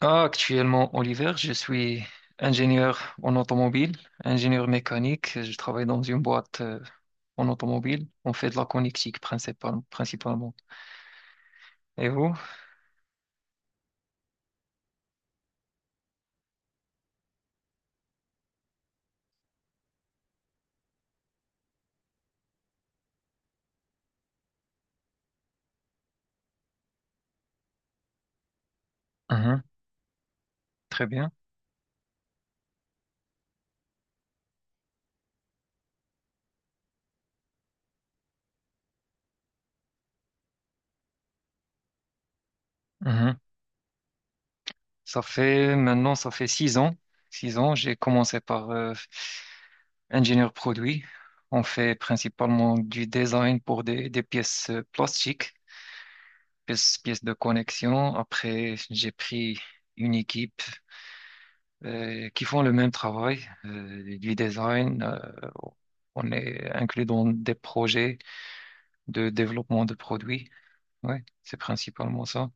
Ah, actuellement, Oliver, je suis ingénieur en automobile, ingénieur mécanique. Je travaille dans une boîte en automobile. On fait de la connectique principalement. Et vous? Mhm. Très bien. Mhm. Ça fait maintenant, ça fait 6 ans. 6 ans, j'ai commencé par ingénieur produit. On fait principalement du design pour des pièces plastiques, pièces de connexion. Après, j'ai pris une équipe qui font le même travail du design. On est inclus dans des projets de développement de produits. Ouais, c'est principalement ça.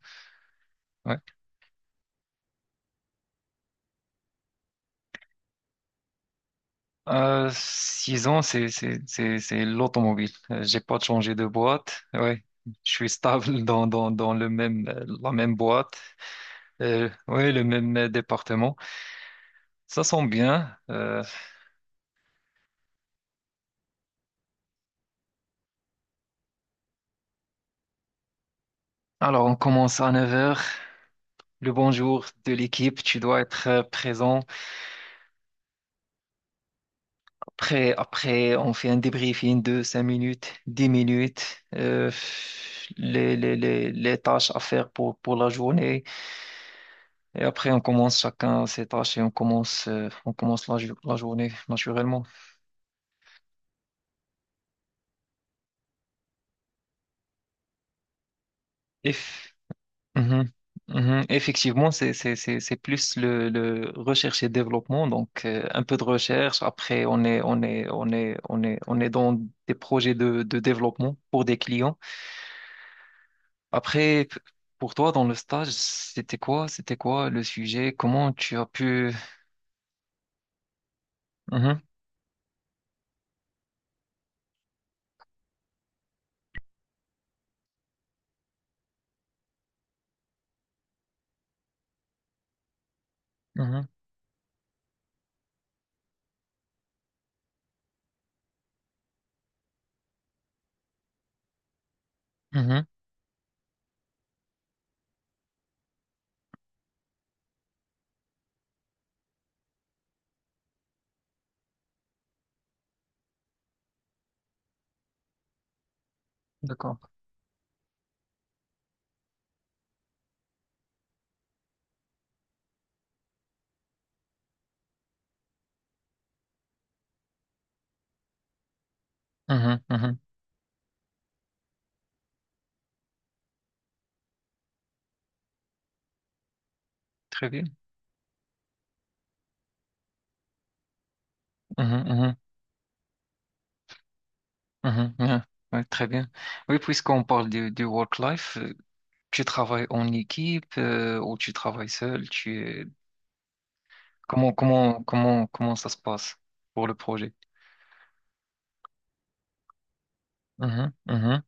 Ouais. 6 ans, c'est l'automobile. J'ai pas changé de boîte. Ouais, je suis stable dans le même la même boîte. Ouais, le même département. Ça sent bien. Alors on commence à 9 heures. Le bonjour de l'équipe, tu dois être présent. Après, on fait un débriefing de 5 minutes, 10 minutes, les tâches à faire pour la journée. Et après, on commence chacun ses tâches et on commence la journée naturellement. Eff- Mhm. Mhm. Effectivement, c'est plus le recherche et développement. Donc, un peu de recherche. Après, on est dans des projets de développement pour des clients. Après, pour toi, dans le stage, c'était quoi? C'était quoi le sujet? Comment tu as pu... Mhm, mhm, mhm. D'accord. Mhm, mhm. Très bien. Mhm, mhm, mhm. Bien. Ouais, très bien. Oui, puisqu'on parle du work-life, tu travailles en équipe ou tu travailles seul? Tu... Comment ça se passe pour le projet? Mhm, mhm,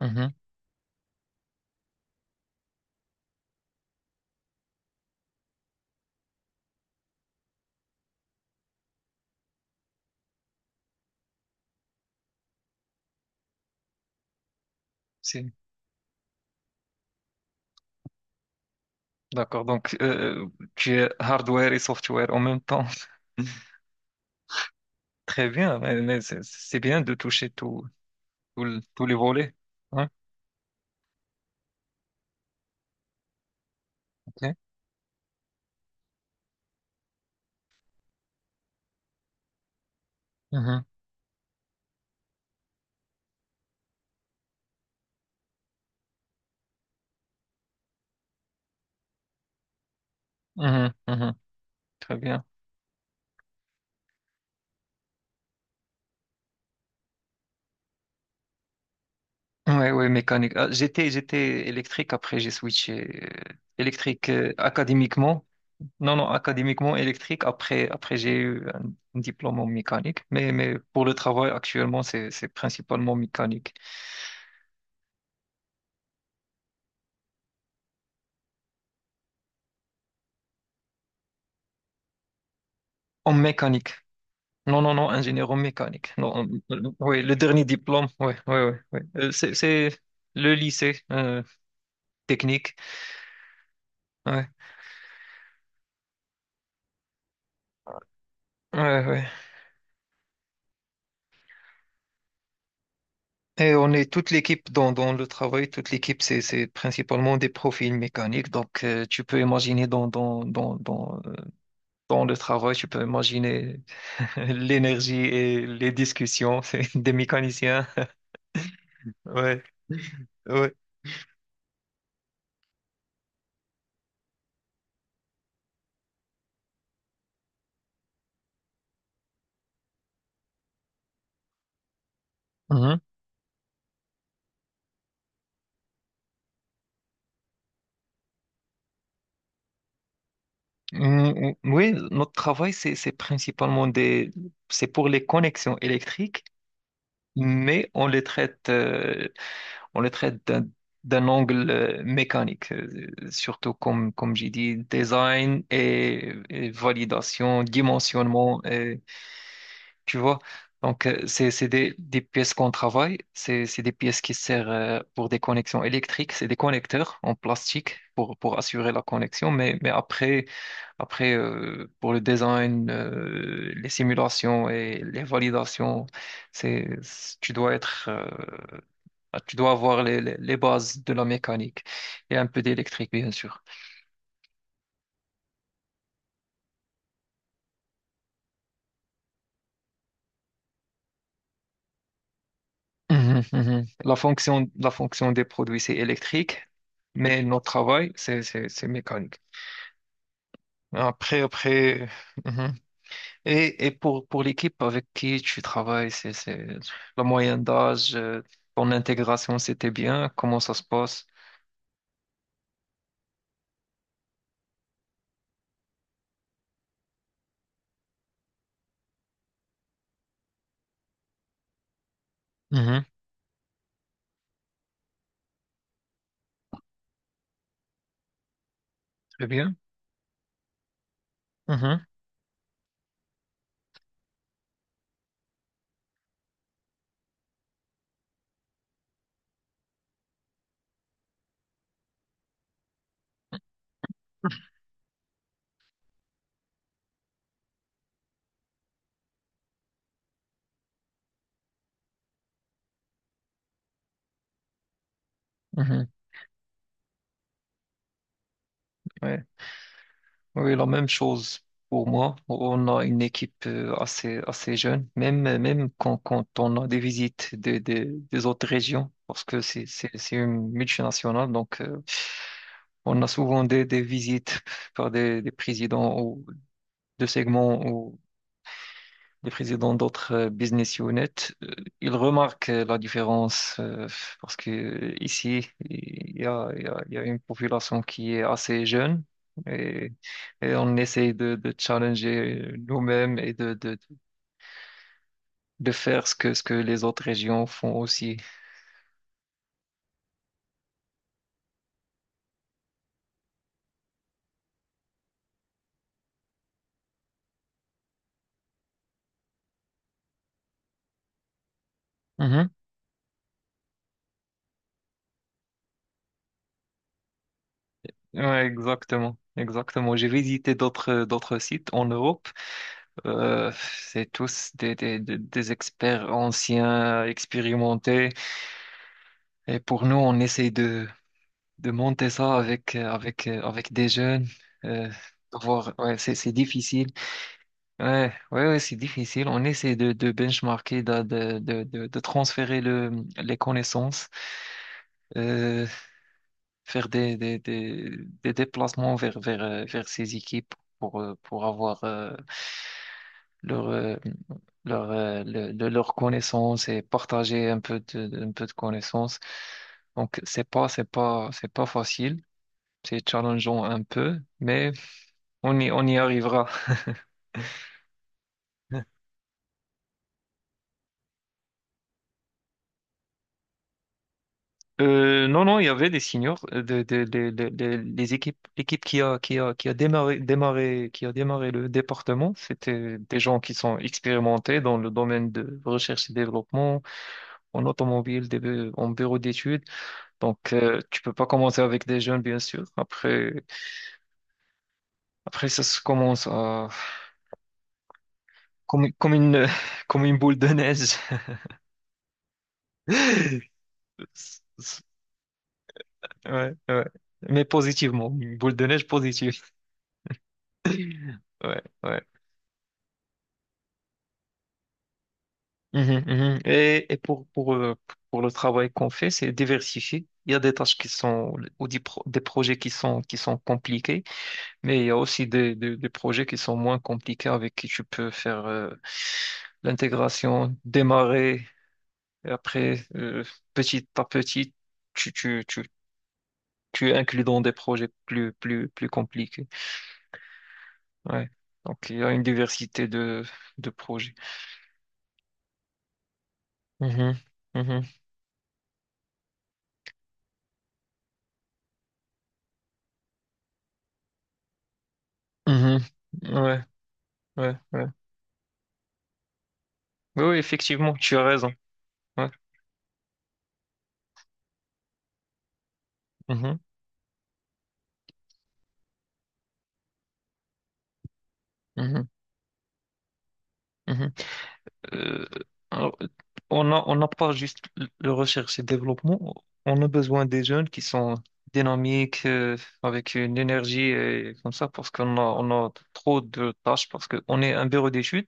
mhm. C'est... D'accord. Donc, tu es hardware et software en même temps. Très bien, mais, c'est bien de toucher tout, tous les volets. Hein, ok. Mhm, mhm, mhm. Très bien. Ouais, ouais, mécanique. Ah, j'étais électrique, après j'ai switché électrique académiquement. Non, non, académiquement électrique. Après, après j'ai eu un diplôme en mécanique. Mais pour le travail actuellement, c'est principalement mécanique. En mécanique. Non, non, non, ingénieur en mécanique. Non, en- oui, le dernier diplôme. Oui, oui, oui. Ouais, ouais, ouais, ouais. C'est le lycée technique. Ouais, ouais, ouais. Et on est toute l'équipe dans le travail, toute l'équipe, c'est principalement des profils mécaniques. Donc, tu peux imaginer dans le travail, tu peux imaginer l'énergie et les discussions c'est des mécaniciens. Ouais, ouais. Mhm. Mm, oui, notre travail, c'est principalement c'est pour les connexions électriques, mais on les traite on le traite d'un angle mécanique, surtout comme, comme j'ai dit, design et validation, dimensionnement, et, tu vois. Donc, c'est des pièces qu'on travaille, c'est des pièces qui servent pour des connexions électriques, c'est des connecteurs en plastique pour assurer la connexion, mais après, après pour le design, les simulations et les validations, c'est, tu dois être... Tu dois avoir les bases de la mécanique et un peu d'électrique, bien sûr. Mhm, mhm. La fonction des produits, c'est électrique, mais notre travail, c'est mécanique. Après, après. Mhm. Et pour l'équipe avec qui tu travailles, c'est la moyenne d'âge, ton intégration, c'était bien, comment ça se passe? Mhm. Très bien. Mhm, mhm. Ouais, oui, la même chose pour moi. On a une équipe assez, assez jeune, même, même quand on a des visites des autres régions, parce que c'est une multinationale, donc on a souvent des visites par des présidents ou de segments, les présidents d'autres business units, ils remarquent la différence, parce que ici, il y a une population qui est assez jeune et, et on essaye de challenger nous-mêmes et de faire ce que les autres régions font aussi. Mhm. Ouais, exactement. Exactement. J'ai visité d'autres d'autres sites en Europe. C'est tous des experts anciens, expérimentés. Et pour nous, on essaie de monter ça avec avec des jeunes euh, de voir. Ouais, c'est difficile, ouais ouais ouais, c'est difficile. On essaie de benchmarker, de transférer le les connaissances, euh, faire des déplacements vers vers ces équipes pour avoir leur leurs connaissances et partager un peu un peu de connaissances. Donc c'est pas facile, c'est challengeant un peu, mais on y, on y arrivera. Non, non, il y avait des seniors, les équipes, l'équipe qui a démarré, qui a démarré le département, c'était des gens qui sont expérimentés dans le domaine de recherche et développement, en automobile, des en bureau d'études. Donc, tu peux pas commencer avec des jeunes, bien sûr. Après, après, ça se commence à, comme une, comme une boule de neige. Ouais, ouais. Mais positivement, une boule de neige positive. Ouais, ouais. Mhm, mhm. Et pour le travail qu'on fait, c'est diversifié. Il y a des tâches qui sont, ou des projets qui sont compliqués, mais il y a aussi des projets qui sont moins compliqués avec qui tu peux faire l'intégration, démarrer, et après, petit à petit, tu, tu, tu, tu inclus dans des projets plus compliqués. Ouais. Donc, il y a une diversité de projets. Mhm, mhm, mhm. Ouais, ouais, ouais. Oui, oui, effectivement, tu as raison. Ouais. Mhm, mhm, mhm. Euh, alors, on a, on n'a pas juste le recherche et développement, on a besoin des jeunes qui sont dynamiques, avec une énergie et comme ça, parce qu'on a, on a trop de tâches, parce qu'on est un bureau d'études,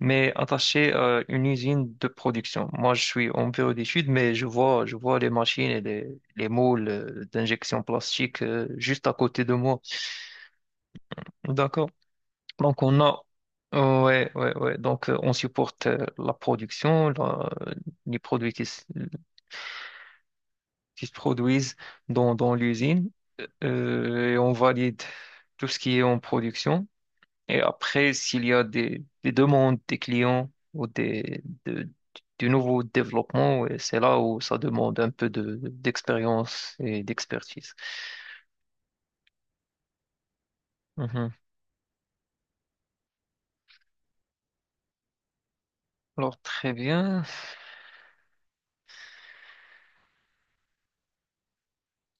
mais attaché à une usine de production. Moi, je suis en bureau d'études, mais je vois les machines et les moules d'injection plastique, juste à côté de moi. D'accord. Donc on a ouais ouais ouais donc on supporte la production les produits qui se produisent dans l'usine et on valide tout ce qui est en production et après s'il y a des demandes des clients ou du nouveau développement. Ouais, c'est là où ça demande un peu de d'expérience et d'expertise. Mhm. Alors très bien.